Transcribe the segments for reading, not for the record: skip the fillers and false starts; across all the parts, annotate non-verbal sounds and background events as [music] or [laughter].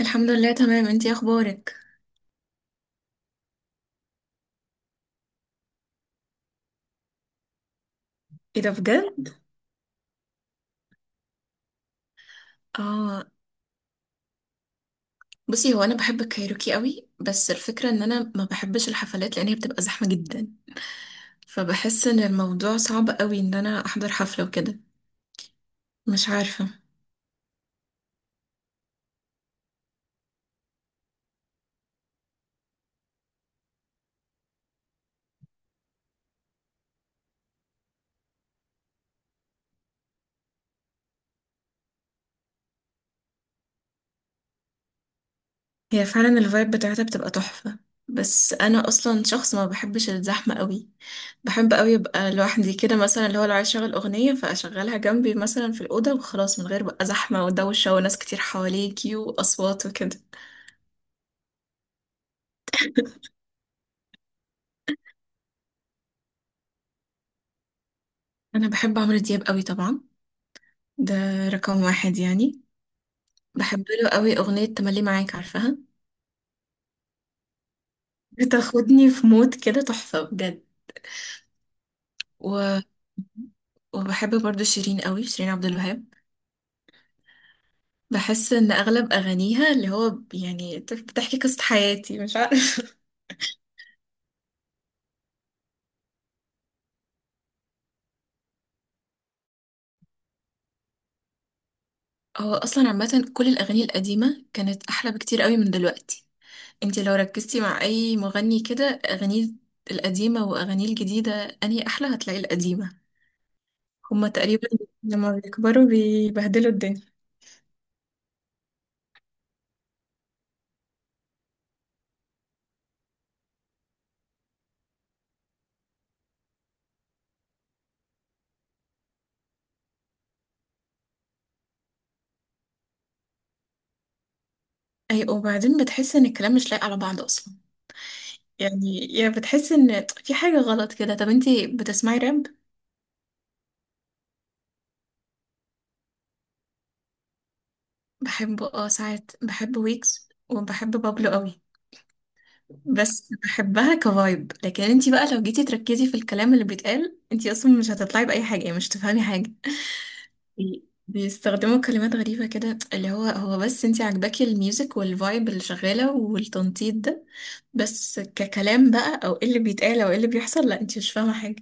الحمد لله، تمام. انتي اخبارك؟ ايه ده بجد؟ اه. بصي، هو انا بحب الكايروكي قوي، بس الفكره ان انا ما بحبش الحفلات لان هي بتبقى زحمه جدا. فبحس ان الموضوع صعب قوي ان انا احضر حفله وكده. مش عارفه. هي فعلا الفايب بتاعتها بتبقى تحفه، بس انا اصلا شخص ما بحبش الزحمه قوي. بحب قوي ابقى لوحدي كده، مثلا اللي هو لو عايز اشغل اغنيه فاشغلها جنبي مثلا في الاوضه وخلاص، من غير بقى زحمه ودوشه وناس كتير حواليكي واصوات وكده. انا بحب عمرو دياب قوي طبعا. ده رقم واحد يعني. بحب له قوي أغنية تملي معاك، عارفاها؟ بتاخدني في مود كده تحفة بجد. و... وبحب برضو شيرين قوي، شيرين عبد الوهاب. بحس إن أغلب أغانيها اللي هو بتحكي قصة حياتي، مش عارفة. [laughs] هو أصلا عامة كل الأغاني القديمة كانت أحلى بكتير قوي من دلوقتي. انتي لو ركزتي مع أي مغني كده أغانيه القديمة وأغانيه الجديدة، أنهي أحلى؟ هتلاقي القديمة. هما تقريبا لما بيكبروا بيبهدلوا الدنيا. اي، وبعدين بتحس ان الكلام مش لايق على بعض اصلا، يعني يا بتحس ان في حاجة غلط كده. طب انتي بتسمعي راب؟ بحبه، اه. ساعات بحب ويكس وبحب بابلو قوي. بس بحبها كفايب، لكن انتي بقى لو جيتي تركزي في الكلام اللي بيتقال انتي اصلا مش هتطلعي بأي حاجة، يعني مش تفهمي حاجة. بيستخدموا كلمات غريبة كده، اللي هو هو بس انتي عاجباكي الميوزك والفايب اللي شغالة والتنطيط ده. بس ككلام بقى او ايه اللي بيتقال او ايه اللي بيحصل، لا انتي مش فاهمة حاجة.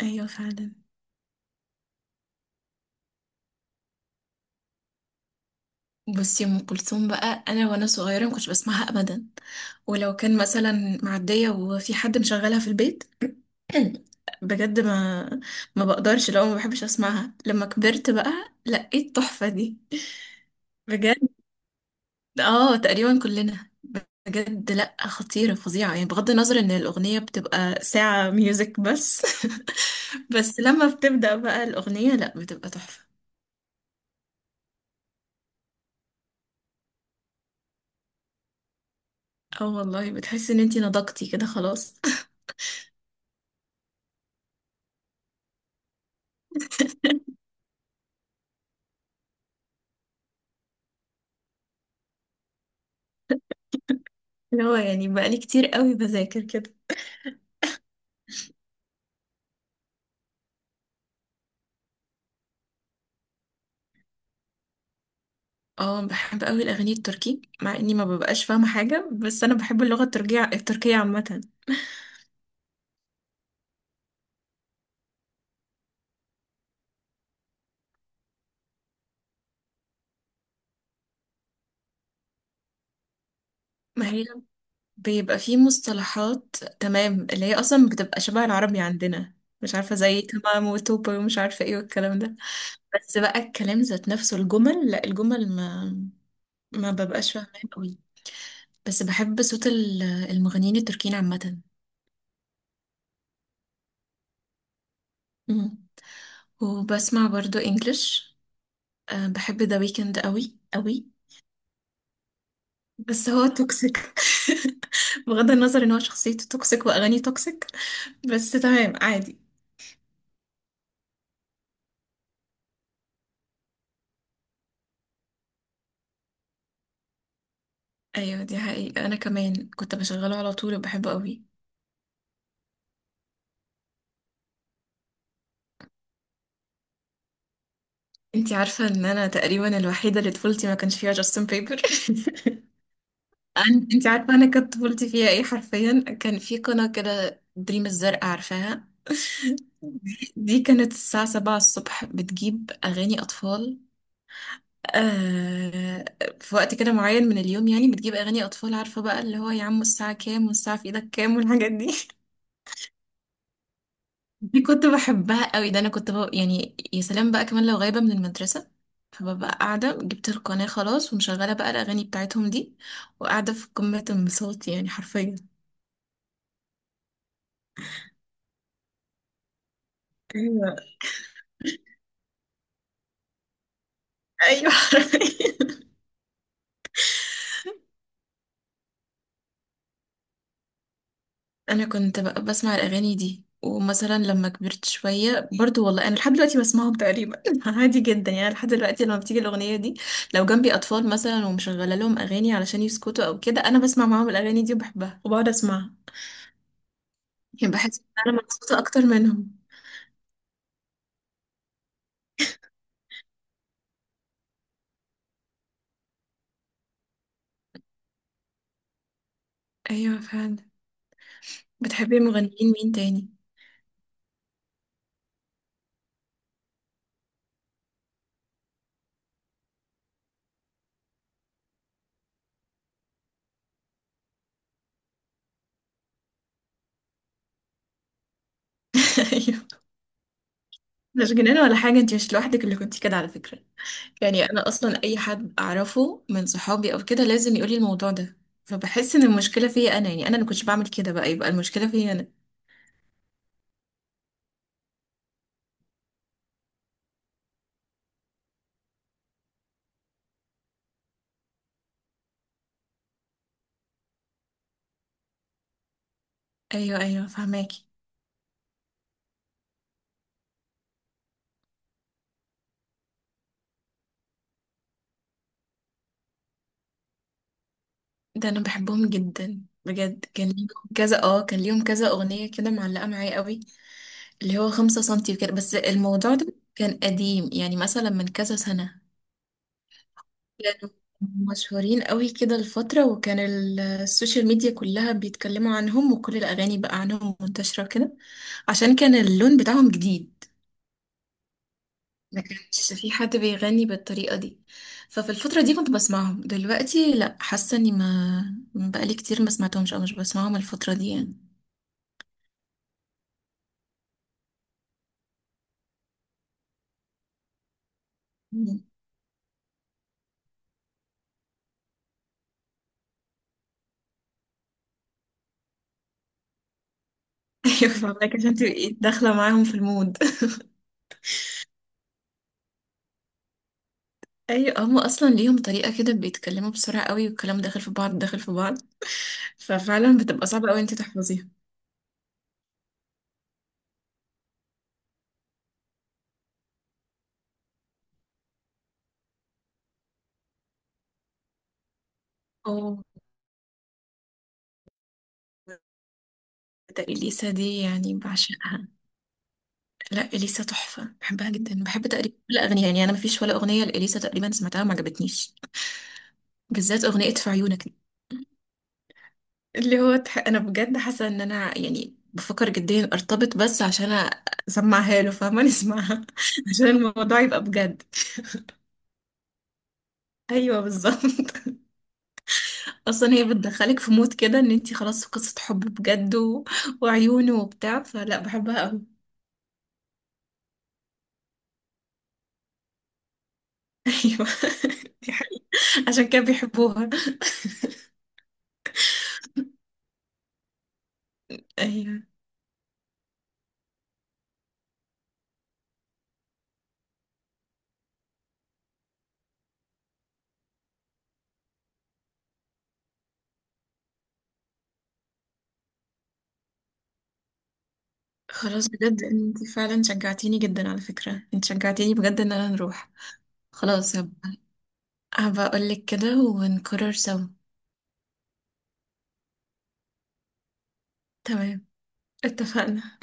ايوه فعلا. بصي ام كلثوم بقى، انا وانا صغيره ما كنتش بسمعها ابدا، ولو كان مثلا معديه وفي حد مشغلها في البيت. [clears throat] بجد ما بقدرش، لو ما بحبش اسمعها. لما كبرت بقى لقيت التحفه دي. بجد. اه، تقريبا كلنا. بجد، لا، خطيره فظيعه، يعني بغض النظر ان الاغنيه بتبقى ساعه ميوزك بس. [laughs] بس لما بتبدا بقى الاغنيه لا بتبقى تحفه. اه والله، بتحسي ان انتي نضجتي كده خلاص. اللي هو يعني بقالي كتير قوي بذاكر كده. اه، بحب قوي الاغاني التركي، مع اني ما ببقاش فاهمه حاجه، بس انا بحب اللغه التركيه، التركيه عامه. ما هي بيبقى في مصطلحات تمام اللي هي اصلا بتبقى شبه العربي عندنا، مش عارفه، زي تمام وتوبة ومش عارفه ايه والكلام ده. بس بقى الكلام ذات نفسه الجمل، لا، الجمل ما ببقاش فاهمه قوي. بس بحب صوت المغنيين التركيين عامه. مم. وبسمع برضو انجلش. أه، بحب ذا ويكند قوي قوي، بس هو توكسيك. [laughs] بغض النظر ان هو شخصيته توكسيك واغانيه توكسيك، بس تمام عادي. ايوه دي حقيقة، انا كمان كنت بشغله على طول وبحبه قوي. انتي عارفة ان انا تقريبا الوحيدة اللي طفولتي ما كانش فيها جاستن بيبر. [laughs] انتي عارفة انا كانت طفولتي فيها ايه؟ حرفيا كان في قناة كده دريم الزرق، عارفاها؟ [laughs] دي كانت الساعة 7 الصبح بتجيب أغاني أطفال. آه، في وقت كده معين من اليوم يعني بتجيب اغاني اطفال، عارفه بقى اللي هو يا عم الساعه كام، والساعه في ايدك كام، والحاجات دي. [laughs] دي كنت بحبها قوي. ده انا كنت بقى يعني يا سلام بقى كمان لو غايبه من المدرسه، فببقى قاعده جبت القناه خلاص ومشغله بقى الاغاني بتاعتهم دي، وقاعده في قمه انبساطي يعني حرفيا. ايوه ايوه. [laughs] حرفيا. انا كنت بسمع الاغاني دي، ومثلا لما كبرت شويه برضو والله انا لحد دلوقتي بسمعهم تقريبا. [laughs] عادي جدا يعني، لحد دلوقتي لما بتيجي الاغنيه دي لو جنبي اطفال مثلا ومشغله لهم اغاني علشان يسكتوا او كده، انا بسمع معاهم الاغاني دي وبحبها وبقعد اسمعها. يعني بحس ان انا مبسوطه اكتر منهم. ايوه فعلا. بتحبي مغنيين مين تاني؟ [laughs] ايوه، مش جنان ولا حاجه. انت مش لوحدك اللي كنتي كده على فكره، يعني انا اصلا اي حد اعرفه من صحابي او كده لازم يقولي الموضوع ده. فبحس ان المشكله فيا انا، يعني انا اللي كنتش بعمل كده بقى يبقى المشكله فيا انا. ايوه ايوه، فهماكي. ده انا بحبهم جدا بجد. كان ليهم كذا اغنيه كده معلقه معايا قوي. اللي هو 5 سنتي وكده، بس الموضوع ده كان قديم يعني مثلا من كذا سنه. كانوا مشهورين قوي كده الفترة، وكان السوشيال ميديا كلها بيتكلموا عنهم وكل الأغاني بقى عنهم منتشرة كده، عشان كان اللون بتاعهم جديد. ما كانش في حد بيغني بالطريقة دي. ففي الفترة دي كنت بسمعهم، دلوقتي لا، حاسة اني ما بقالي كتير ما سمعتهمش او مش بسمعهم الفترة دي يعني. [laughs] مم. ايوه فاهمك، عشان تبقي داخلة معاهم في المود. [laughs] ايوه، هم اصلا ليهم طريقة كده بيتكلموا بسرعة قوي، والكلام داخل في بعض داخل في بعض. ففعلا بتبقى صعبة قوي انت تحفظيها. اه. ده اليسا دي يعني بعشقها. لا، اليسا تحفه، بحبها جدا. بحب تقريبا كل اغنيه، يعني انا مفيش ولا اغنيه لاليسا تقريبا سمعتها ما عجبتنيش. بالذات اغنيه في عيونك دي. اللي هو انا بجد حاسه ان انا يعني بفكر جديا ارتبط بس عشان اسمعها له، فاهمه؟ نسمعها. [laughs] عشان الموضوع يبقى بجد. ايوه بالظبط. [laughs] اصلا هي بتدخلك في مود كده ان انتي خلاص في قصه حب بجد وعيونه وبتاع، فلا، بحبها قوي. [laughs] ايوه. [laughs] دي حقيقة. عشان كده بيحبوها. ايوه. خلاص بجد، انت فعلا شجعتيني جدا. على فكرة انت شجعتيني بجد ان انا نروح. خلاص، هبقى اقولك كده ونقرر سوا. تمام، اتفقنا.